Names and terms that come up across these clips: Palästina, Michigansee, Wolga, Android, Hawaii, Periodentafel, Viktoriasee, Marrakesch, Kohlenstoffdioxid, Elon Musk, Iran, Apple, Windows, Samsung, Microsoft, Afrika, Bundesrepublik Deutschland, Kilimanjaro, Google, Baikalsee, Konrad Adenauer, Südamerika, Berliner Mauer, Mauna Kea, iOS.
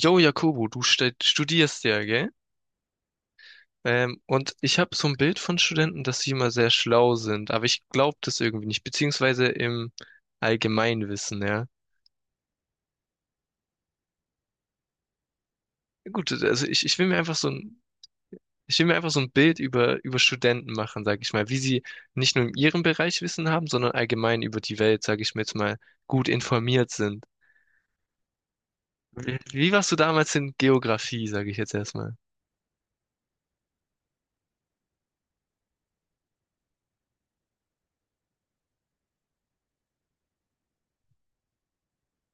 Jo, Jakobo, du studierst ja, gell? Und ich habe so ein Bild von Studenten, dass sie immer sehr schlau sind, aber ich glaube das irgendwie nicht, beziehungsweise im Allgemeinwissen, ja. Gut, also ich will mir einfach so ein, ich will mir einfach so ein Bild über Studenten machen, sage ich mal, wie sie nicht nur in ihrem Bereich Wissen haben, sondern allgemein über die Welt, sage ich mir jetzt mal, gut informiert sind. Wie warst du damals in Geografie, sage ich jetzt erstmal?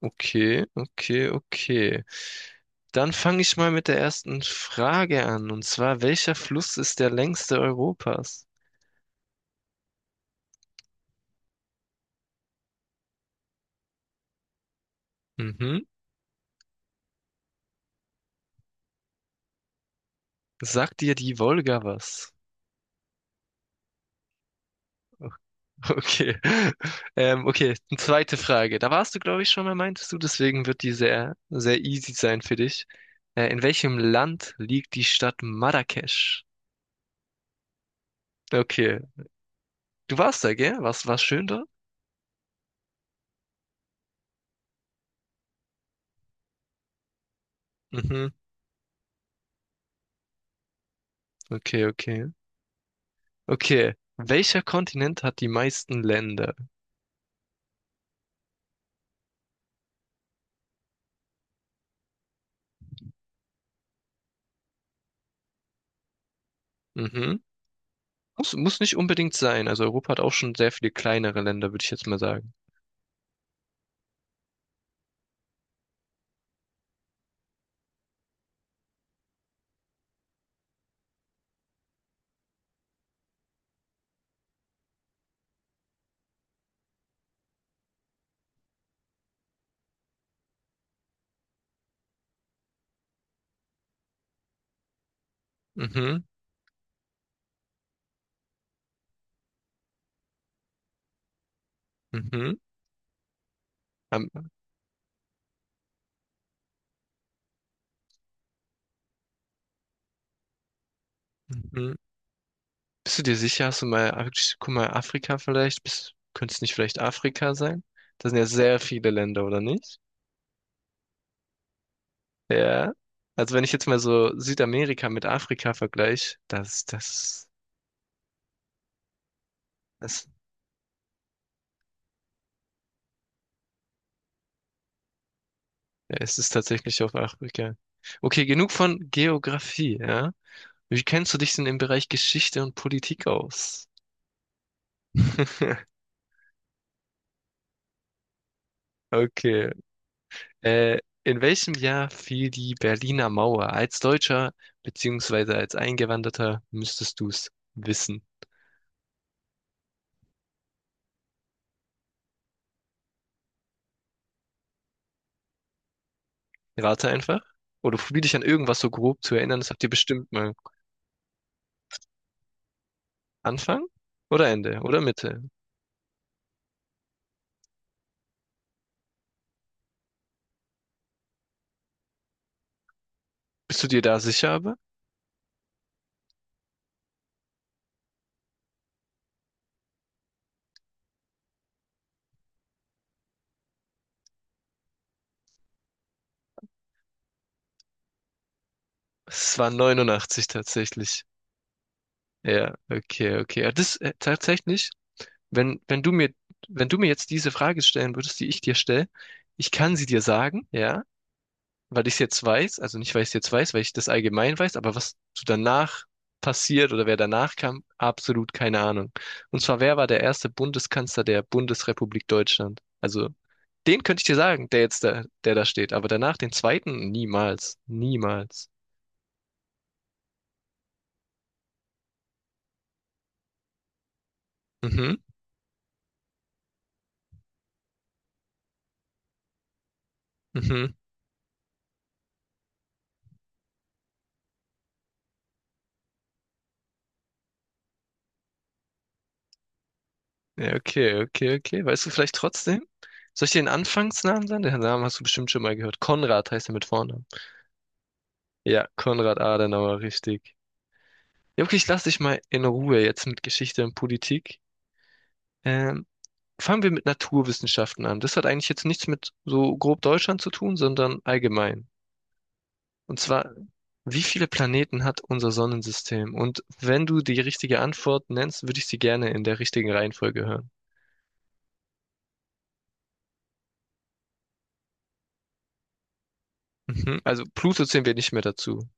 Okay, okay, okay. Dann fange ich mal mit der ersten Frage an. Und zwar, welcher Fluss ist der längste Europas? Mhm. Sagt dir die Wolga was? Okay. Okay, eine zweite Frage. Da warst du, glaube ich, schon mal, meintest du, deswegen wird die sehr, sehr easy sein für dich. In welchem Land liegt die Stadt Marrakesch? Okay. Du warst da, gell? Was, war schön da? Mhm. Okay, okay. Okay. Welcher Kontinent hat die meisten Länder? Mhm. Muss nicht unbedingt sein. Also Europa hat auch schon sehr viele kleinere Länder, würde ich jetzt mal sagen. Mhm. Mhm. Am- mhm. Bist du dir sicher? Hast du mal, guck mal, Afrika vielleicht? Bist, könnte es nicht vielleicht Afrika sein? Da sind ja sehr viele Länder, oder nicht? Ja. Also wenn ich jetzt mal so Südamerika mit Afrika vergleiche, das, ja, es ist tatsächlich auf Afrika. Okay, genug von Geografie, ja? Wie kennst du dich denn im Bereich Geschichte und Politik aus? Okay. Äh, in welchem Jahr fiel die Berliner Mauer? Als Deutscher beziehungsweise als Eingewanderter müsstest du es wissen. Rate einfach. Oder probier dich an irgendwas so grob zu erinnern. Das habt ihr bestimmt mal. Anfang oder Ende oder Mitte? Bist du dir da sicher aber? Es war 89 tatsächlich. Ja, okay, okay. Ja, das tatsächlich, wenn, wenn du mir, wenn du mir jetzt diese Frage stellen würdest, die ich dir stelle, ich kann sie dir sagen, ja, weil ich es jetzt weiß, also nicht, weil ich es jetzt weiß, weil ich das allgemein weiß, aber was so danach passiert oder wer danach kam, absolut keine Ahnung. Und zwar, wer war der erste Bundeskanzler der Bundesrepublik Deutschland? Also, den könnte ich dir sagen, der jetzt da, der da steht, aber danach den zweiten niemals, niemals. Mhm, mhm. Ja, okay, okay, okay. Weißt du vielleicht trotzdem? Soll ich dir den Anfangsnamen sagen? Den Namen hast du bestimmt schon mal gehört. Konrad heißt er mit Vornamen. Ja, Konrad Adenauer, richtig. Ja, wirklich, lass dich mal in Ruhe jetzt mit Geschichte und Politik. Ähm, Fangen wir mit Naturwissenschaften an. Das hat eigentlich jetzt nichts mit so grob Deutschland zu tun, sondern allgemein. Und zwar, wie viele Planeten hat unser Sonnensystem? Und wenn du die richtige Antwort nennst, würde ich sie gerne in der richtigen Reihenfolge hören. Mhm. Also Pluto zählen wir nicht mehr dazu.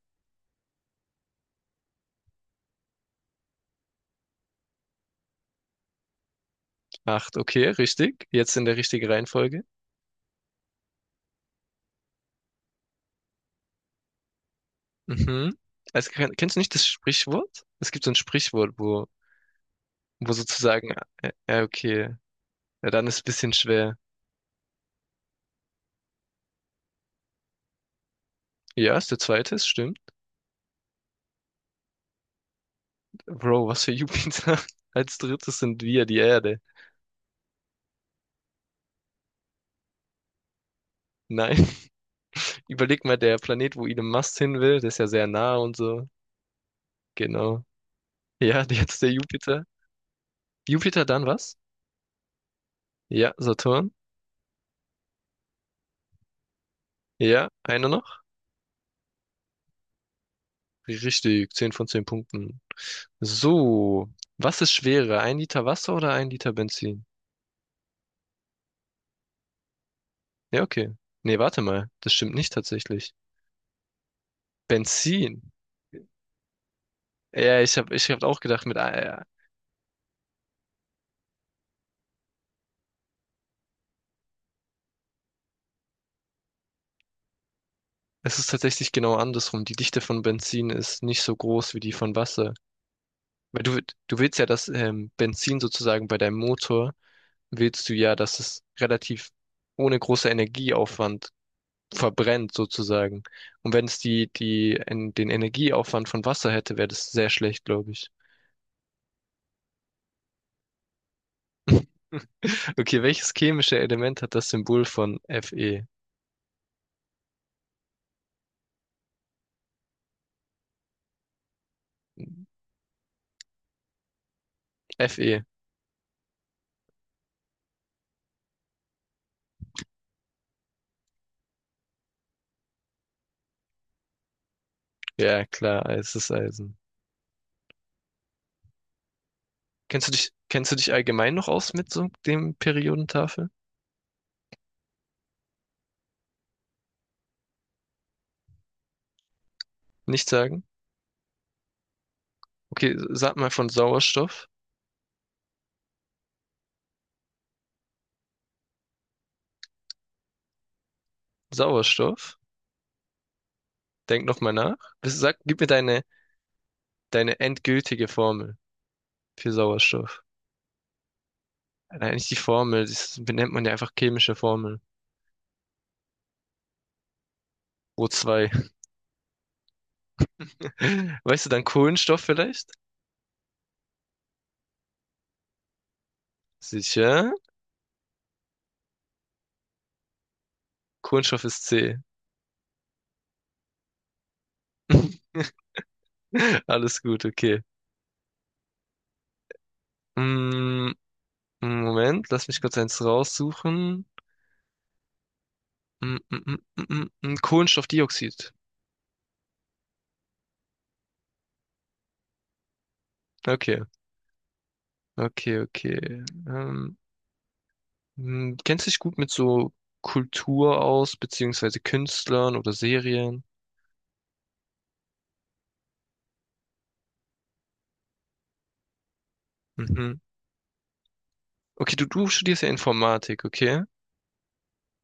Acht, okay, richtig. Jetzt in der richtigen Reihenfolge. Mhm. Also, kennst du nicht das Sprichwort? Es gibt so ein Sprichwort, wo, wo sozusagen, okay. Ja, dann ist es ein bisschen schwer. Ja, ist der zweite, es stimmt. Bro, was für Jupiter? Als drittes sind wir die Erde. Nein, überleg mal, der Planet, wo Elon Musk hin will, der ist ja sehr nah und so. Genau. Ja, jetzt der Jupiter. Jupiter dann was? Ja, Saturn. Ja, einer noch? Richtig, 10 von 10 Punkten. So, was ist schwerer? Ein Liter Wasser oder ein Liter Benzin? Ja, okay. Nee, warte mal, das stimmt nicht tatsächlich. Benzin. Ja, ich hab auch gedacht. Es ist tatsächlich genau andersrum. Die Dichte von Benzin ist nicht so groß wie die von Wasser. Weil du willst ja, dass Benzin sozusagen bei deinem Motor, willst du ja, dass es relativ ohne großer Energieaufwand verbrennt sozusagen. Und wenn es den Energieaufwand von Wasser hätte, wäre das sehr schlecht, glaube ich. Okay, welches chemische Element hat das Symbol von Fe? Fe. Ja, klar, es ist Eisen. Kennst du dich allgemein noch aus mit so dem Periodentafel? Nicht sagen? Okay, sag mal von Sauerstoff. Sauerstoff. Denk noch mal nach. Was- Sag, gib mir deine, deine endgültige Formel für Sauerstoff. Nein, nicht die Formel, das benennt man ja einfach chemische Formel. O2. Weißt du dann Kohlenstoff vielleicht? Sicher. Kohlenstoff ist C. Alles gut, okay. Mm, Moment, lass mich kurz eins raussuchen. Mm, mm, mm, mm, mm, mm, Kohlenstoffdioxid. Okay, okay, okay. Hm, kennst du dich gut mit so Kultur aus, beziehungsweise Künstlern oder Serien? Mhm. Okay, du studierst ja Informatik, okay?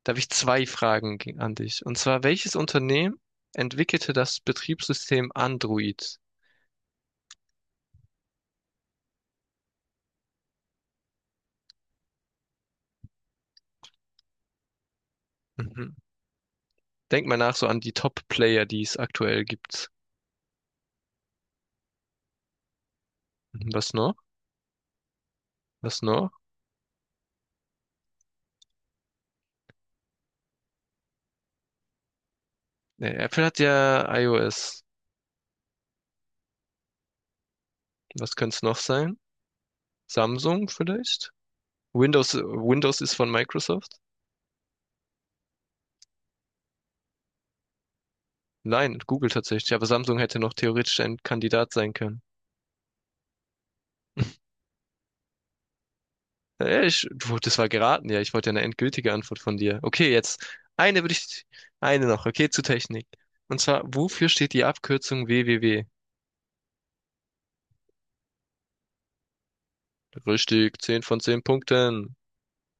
Da habe ich zwei Fragen ge- an dich. Und zwar, welches Unternehmen entwickelte das Betriebssystem Android? Mhm. Denk mal nach so an die Top-Player, die es aktuell gibt. Mhm, was noch? Was noch? Nee, Apple hat ja iOS. Was könnte es noch sein? Samsung vielleicht? Windows, Windows ist von Microsoft. Nein, Google tatsächlich. Aber Samsung hätte noch theoretisch ein Kandidat sein können. Ich, du, das war geraten, ja. Ich wollte ja eine endgültige Antwort von dir. Okay, jetzt eine würde ich, eine noch. Okay, zu Technik. Und zwar, wofür steht die Abkürzung www? Richtig, 10 von 10 Punkten.